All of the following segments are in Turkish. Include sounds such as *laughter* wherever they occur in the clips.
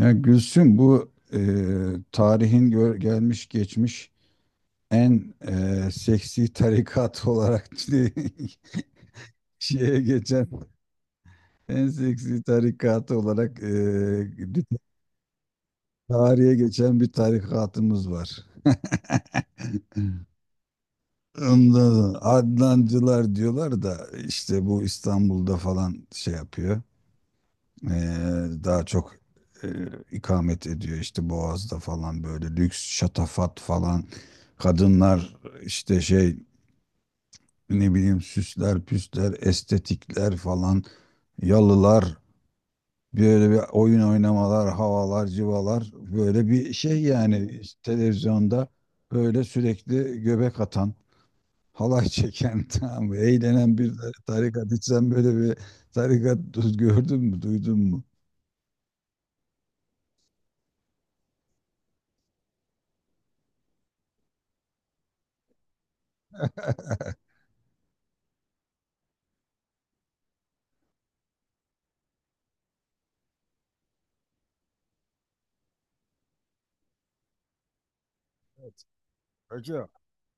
Ya Gülsüm bu tarihin gelmiş geçmiş en seksi tarikat olarak *laughs* şeye geçen en seksi tarikatı olarak tarihe geçen bir tarikatımız var. *laughs* Ondan sonra Adnancılar diyorlar da işte bu İstanbul'da falan şey yapıyor. Ee, Daha çok e, ikamet ediyor işte Boğaz'da falan böyle lüks şatafat falan kadınlar işte şey, ne bileyim, süsler püsler estetikler falan, yalılar, böyle bir oyun oynamalar, havalar civalar, böyle bir şey yani. İşte televizyonda böyle sürekli göbek atan, halay çeken *laughs* tamam mı? Eğlenen bir tarikat. Hiç sen böyle bir tarikat *laughs* gördün mü, duydun mu? *laughs* Hacı,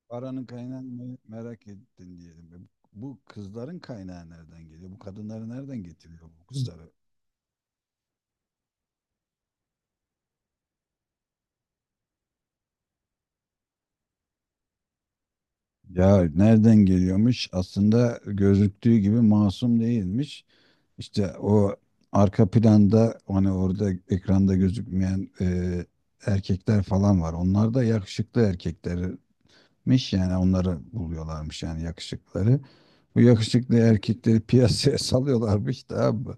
paranın kaynağını merak ettin diyelim. Bu kızların kaynağı nereden geliyor? Bu kadınları nereden getiriyor, bu kızları? Ya nereden geliyormuş? Aslında gözüktüğü gibi masum değilmiş. İşte o arka planda hani orada ekranda gözükmeyen erkekler falan var. Onlar da yakışıklı erkeklermiş, yani onları buluyorlarmış, yani yakışıkları. Bu yakışıklı erkekleri piyasaya *laughs* salıyorlarmış da abi.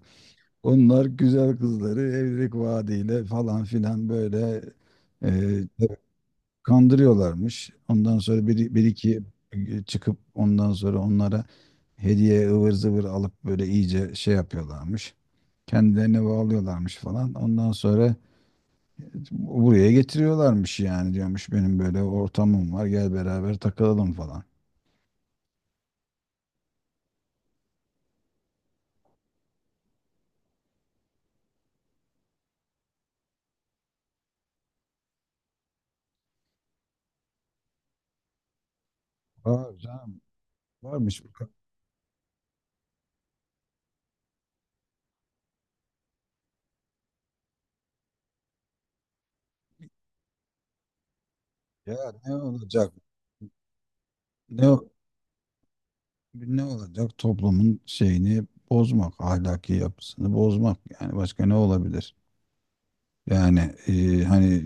Onlar güzel kızları evlilik vaadiyle falan filan böyle e, kandırıyorlarmış. Ondan sonra bir, bir iki çıkıp ondan sonra onlara hediye ıvır zıvır alıp böyle iyice şey yapıyorlarmış. Kendilerine bağlıyorlarmış falan. Ondan sonra buraya getiriyorlarmış, yani diyormuş benim böyle ortamım var, gel beraber takılalım falan. Var canım, varmış. Ya ne olacak? Ne, Ne olacak? Toplumun şeyini bozmak, ahlaki yapısını bozmak. Yani başka ne olabilir? Yani hani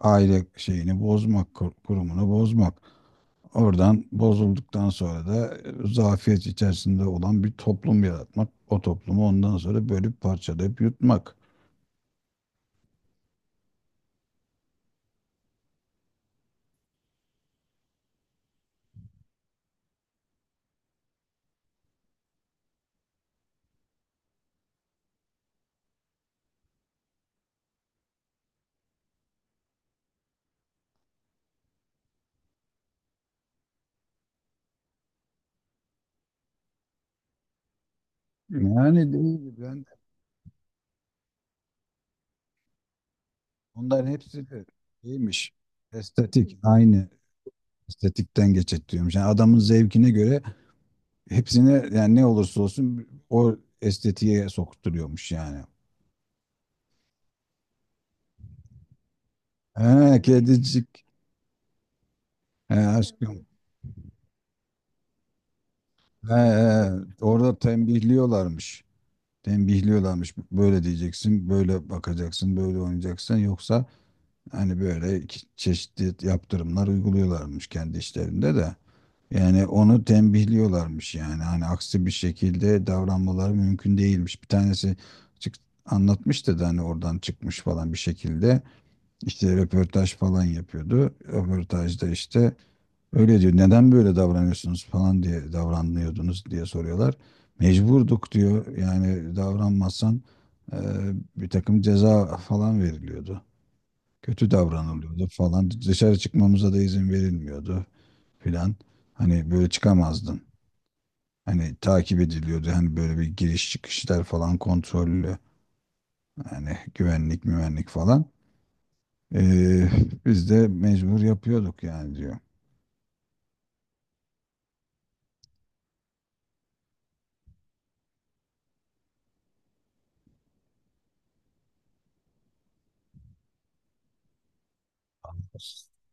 aile şeyini bozmak, kurumunu bozmak. Oradan bozulduktan sonra da zafiyet içerisinde olan bir toplum yaratmak. O toplumu ondan sonra bölüp parçalayıp yutmak. Yani değil, ben bunların hepsi de şeymiş. Estetik, aynı estetikten geçit diyormuş. Yani adamın zevkine göre hepsine, yani ne olursa olsun o estetiğe sokturuyormuş yani. He, kedicik. He, aşkım. He, he. Orada tembihliyorlarmış. Tembihliyorlarmış. Böyle diyeceksin, böyle bakacaksın, böyle oynayacaksın. Yoksa hani böyle iki çeşitli yaptırımlar uyguluyorlarmış kendi işlerinde de. Yani onu tembihliyorlarmış yani. Hani aksi bir şekilde davranmaları mümkün değilmiş. Bir tanesi çık anlatmıştı da hani oradan çıkmış falan bir şekilde. İşte röportaj falan yapıyordu. Röportajda işte öyle diyor. Neden böyle davranıyorsunuz falan diye, davranıyordunuz diye soruyorlar. Mecburduk diyor. Yani davranmazsan e, bir takım ceza falan veriliyordu. Kötü davranılıyordu falan. Dışarı çıkmamıza da izin verilmiyordu filan. Hani böyle çıkamazdın. Hani takip ediliyordu. Hani böyle bir giriş çıkışlar falan kontrollü. Yani güvenlik müvenlik falan. E, Biz de mecbur yapıyorduk yani, diyor.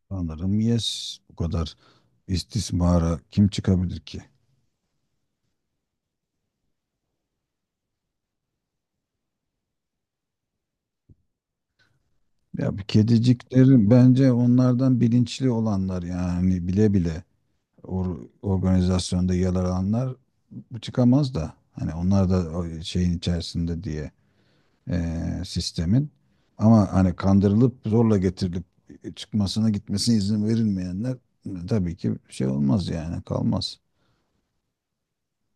Sanırım yes. Bu kadar istismara kim çıkabilir ki? Ya bir kediciklerin bence onlardan bilinçli olanlar, yani bile bile organizasyonda yer alanlar bu çıkamaz da. Hani onlar da o şeyin içerisinde diye sistemin. Ama hani kandırılıp zorla getirilip çıkmasına, gitmesine izin verilmeyenler tabii ki şey olmaz yani, kalmaz.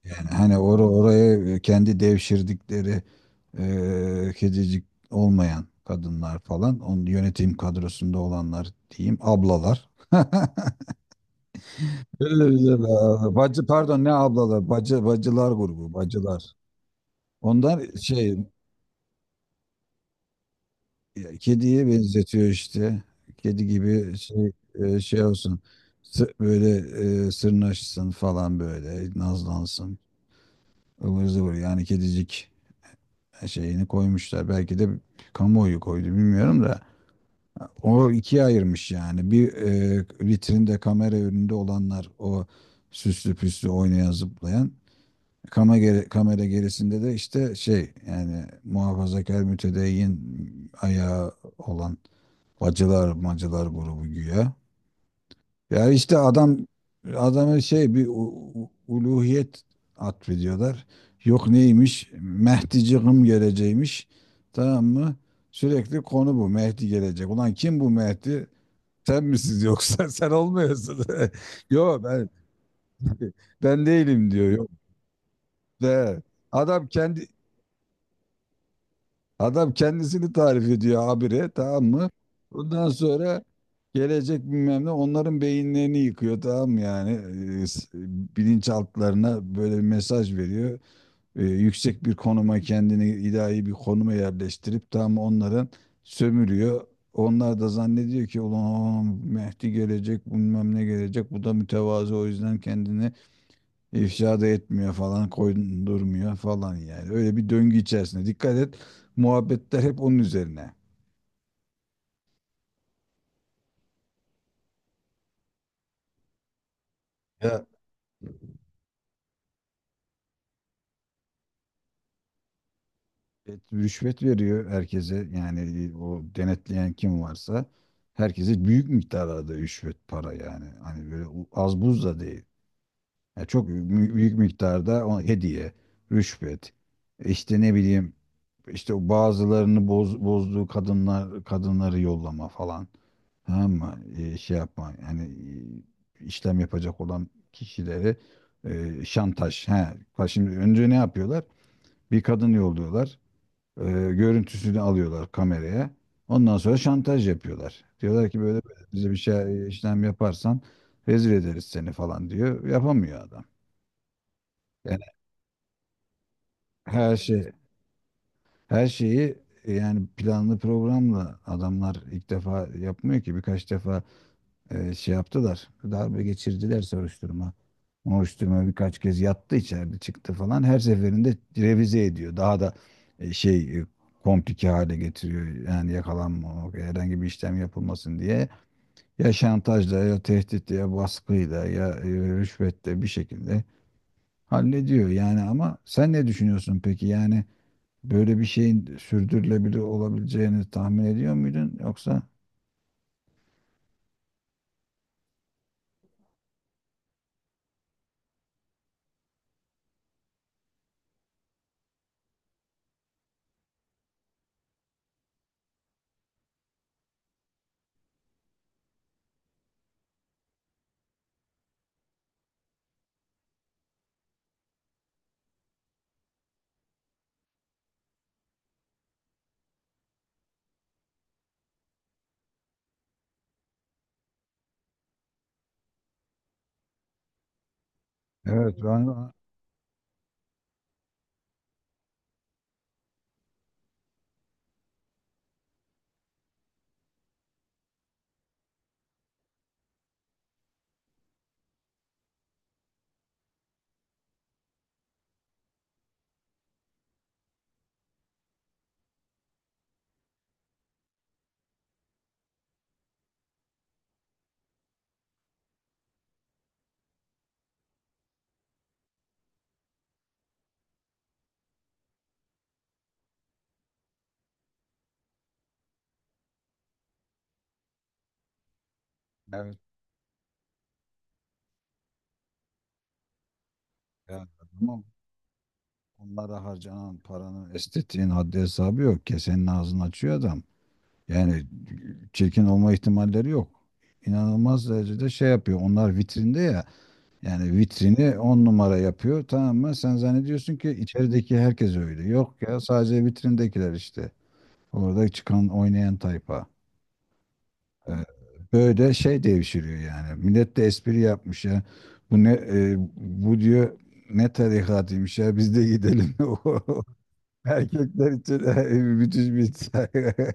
Yani hani oraya kendi devşirdikleri kedicik olmayan kadınlar falan, onun yönetim kadrosunda olanlar diyeyim, ablalar. *laughs* Öyle bir şey var. Bacı, pardon ne ablalar? Bacı, bacılar grubu, bacılar. Onlar şey, kediye benzetiyor işte. Kedi gibi şey, şey olsun. Böyle sırnaşsın falan, böyle nazlansın. Ivır zıvır yani, kedicik. Şeyini koymuşlar. Belki de kamuoyu koydu, bilmiyorum da o ikiye ayırmış yani. Bir, vitrinde kamera önünde olanlar, o süslü püslü oynayan zıplayan, kamera, kamera gerisinde de işte şey, yani muhafazakar mütedeyyin ayağı olan bacılar macılar grubu güya. Ya işte adamı şey, bir uluhiyet atfediyorlar. Yok neymiş? Mehdicığım geleceğimiş. Tamam mı? Sürekli konu bu. Mehdi gelecek. Ulan kim bu Mehdi? Sen misiniz yoksa? *laughs* Sen olmuyorsun. *laughs* Yok, ben değilim diyor. Yok de. Adam kendi Adam kendisini tarif ediyor habire, tamam mı? Ondan sonra gelecek bilmem ne, onların beyinlerini yıkıyor tamam mı yani? Ee, s- Bilinçaltlarına böyle bir mesaj veriyor. Yüksek bir konuma, kendini ilahi bir konuma yerleştirip, tamam mı? Onların sömürüyor. Onlar da zannediyor ki ulan Mehdi gelecek, bilmem ne gelecek, bu da mütevazı, o yüzden kendini İfşa da etmiyor falan, koydurmuyor falan yani. Öyle bir döngü içerisinde. Dikkat et, muhabbetler hep onun üzerine. Ya, evet, rüşvet veriyor herkese yani, o denetleyen kim varsa herkese büyük miktarda rüşvet para yani. Hani böyle az buz da değil. Yani çok büyük miktarda, o hediye, rüşvet. İşte ne bileyim, işte o bazılarını bozduğu kadınları yollama falan. Tamam mı? E, şey yapma. Hani işlem yapacak olan kişileri şantaj. He. Bak, şimdi önce ne yapıyorlar? Bir kadın yolluyorlar. E, görüntüsünü alıyorlar kameraya. Ondan sonra şantaj yapıyorlar. Diyorlar ki böyle böyle, bize bir şey işlem yaparsan rezil ederiz seni falan diyor. Yapamıyor adam. Yani her şey her şeyi yani planlı programla, adamlar ilk defa yapmıyor ki, birkaç defa yaptılar. Darbe geçirdiler, soruşturma. Soruşturma birkaç kez yattı içeride, çıktı falan. Her seferinde revize ediyor. Daha da e, şey e, komplike hale getiriyor. Yani yakalanmamak, herhangi bir işlem yapılmasın diye. Ya şantajla, ya tehditle, ya baskıyla, ya rüşvetle bir şekilde hallediyor. Yani ama sen ne düşünüyorsun peki? Yani böyle bir şeyin sürdürülebilir olabileceğini tahmin ediyor muydun yoksa? Evet ben evet yani, ama onlara harcanan paranın, estetiğin haddi hesabı yok ki, senin ağzını açıyor adam. Yani çirkin olma ihtimalleri yok. İnanılmaz derecede şey yapıyor. Onlar vitrinde ya. Yani vitrini 10 numara yapıyor, tamam mı? Sen zannediyorsun ki içerideki herkes öyle. Yok ya, sadece vitrindekiler işte. Orada çıkan oynayan tayfa. Ee, Böyle şey devşiriyor yani. Millet de espri yapmış ya. Bu diyor ne tarikatıymış ya, biz de gidelim. *laughs* O erkekler için müthiş bir tarih.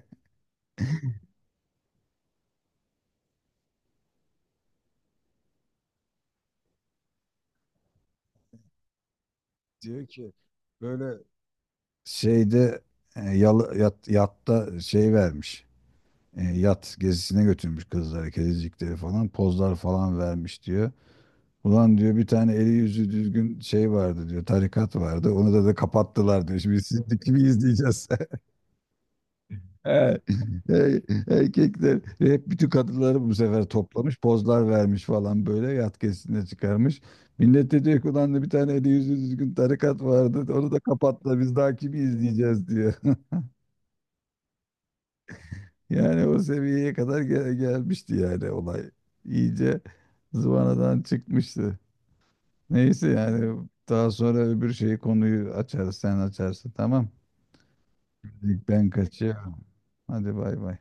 *laughs* Diyor ki böyle şeyde yatta şey vermiş. Yat gezisine götürmüş kızları, kedicikleri falan. Pozlar falan vermiş diyor. Ulan diyor bir tane eli yüzü düzgün şey vardı diyor. Tarikat vardı. Onu da kapattılar diyor. Şimdi siz de kimi izleyeceğiz? *laughs* Ey- Erkekler hep bütün kadınları bu sefer toplamış. Pozlar vermiş falan, böyle yat gezisine çıkarmış. Millet de diyor ki ulan, da bir tane eli yüzü düzgün tarikat vardı. Onu da kapattılar. Biz daha kimi izleyeceğiz diyor. Yani o seviyeye kadar gelmişti yani olay. İyice zıvanadan çıkmıştı. Neyse yani, daha sonra öbür şeyi, konuyu açarız, sen açarsın, tamam. Ben kaçıyorum. Hadi bay bay.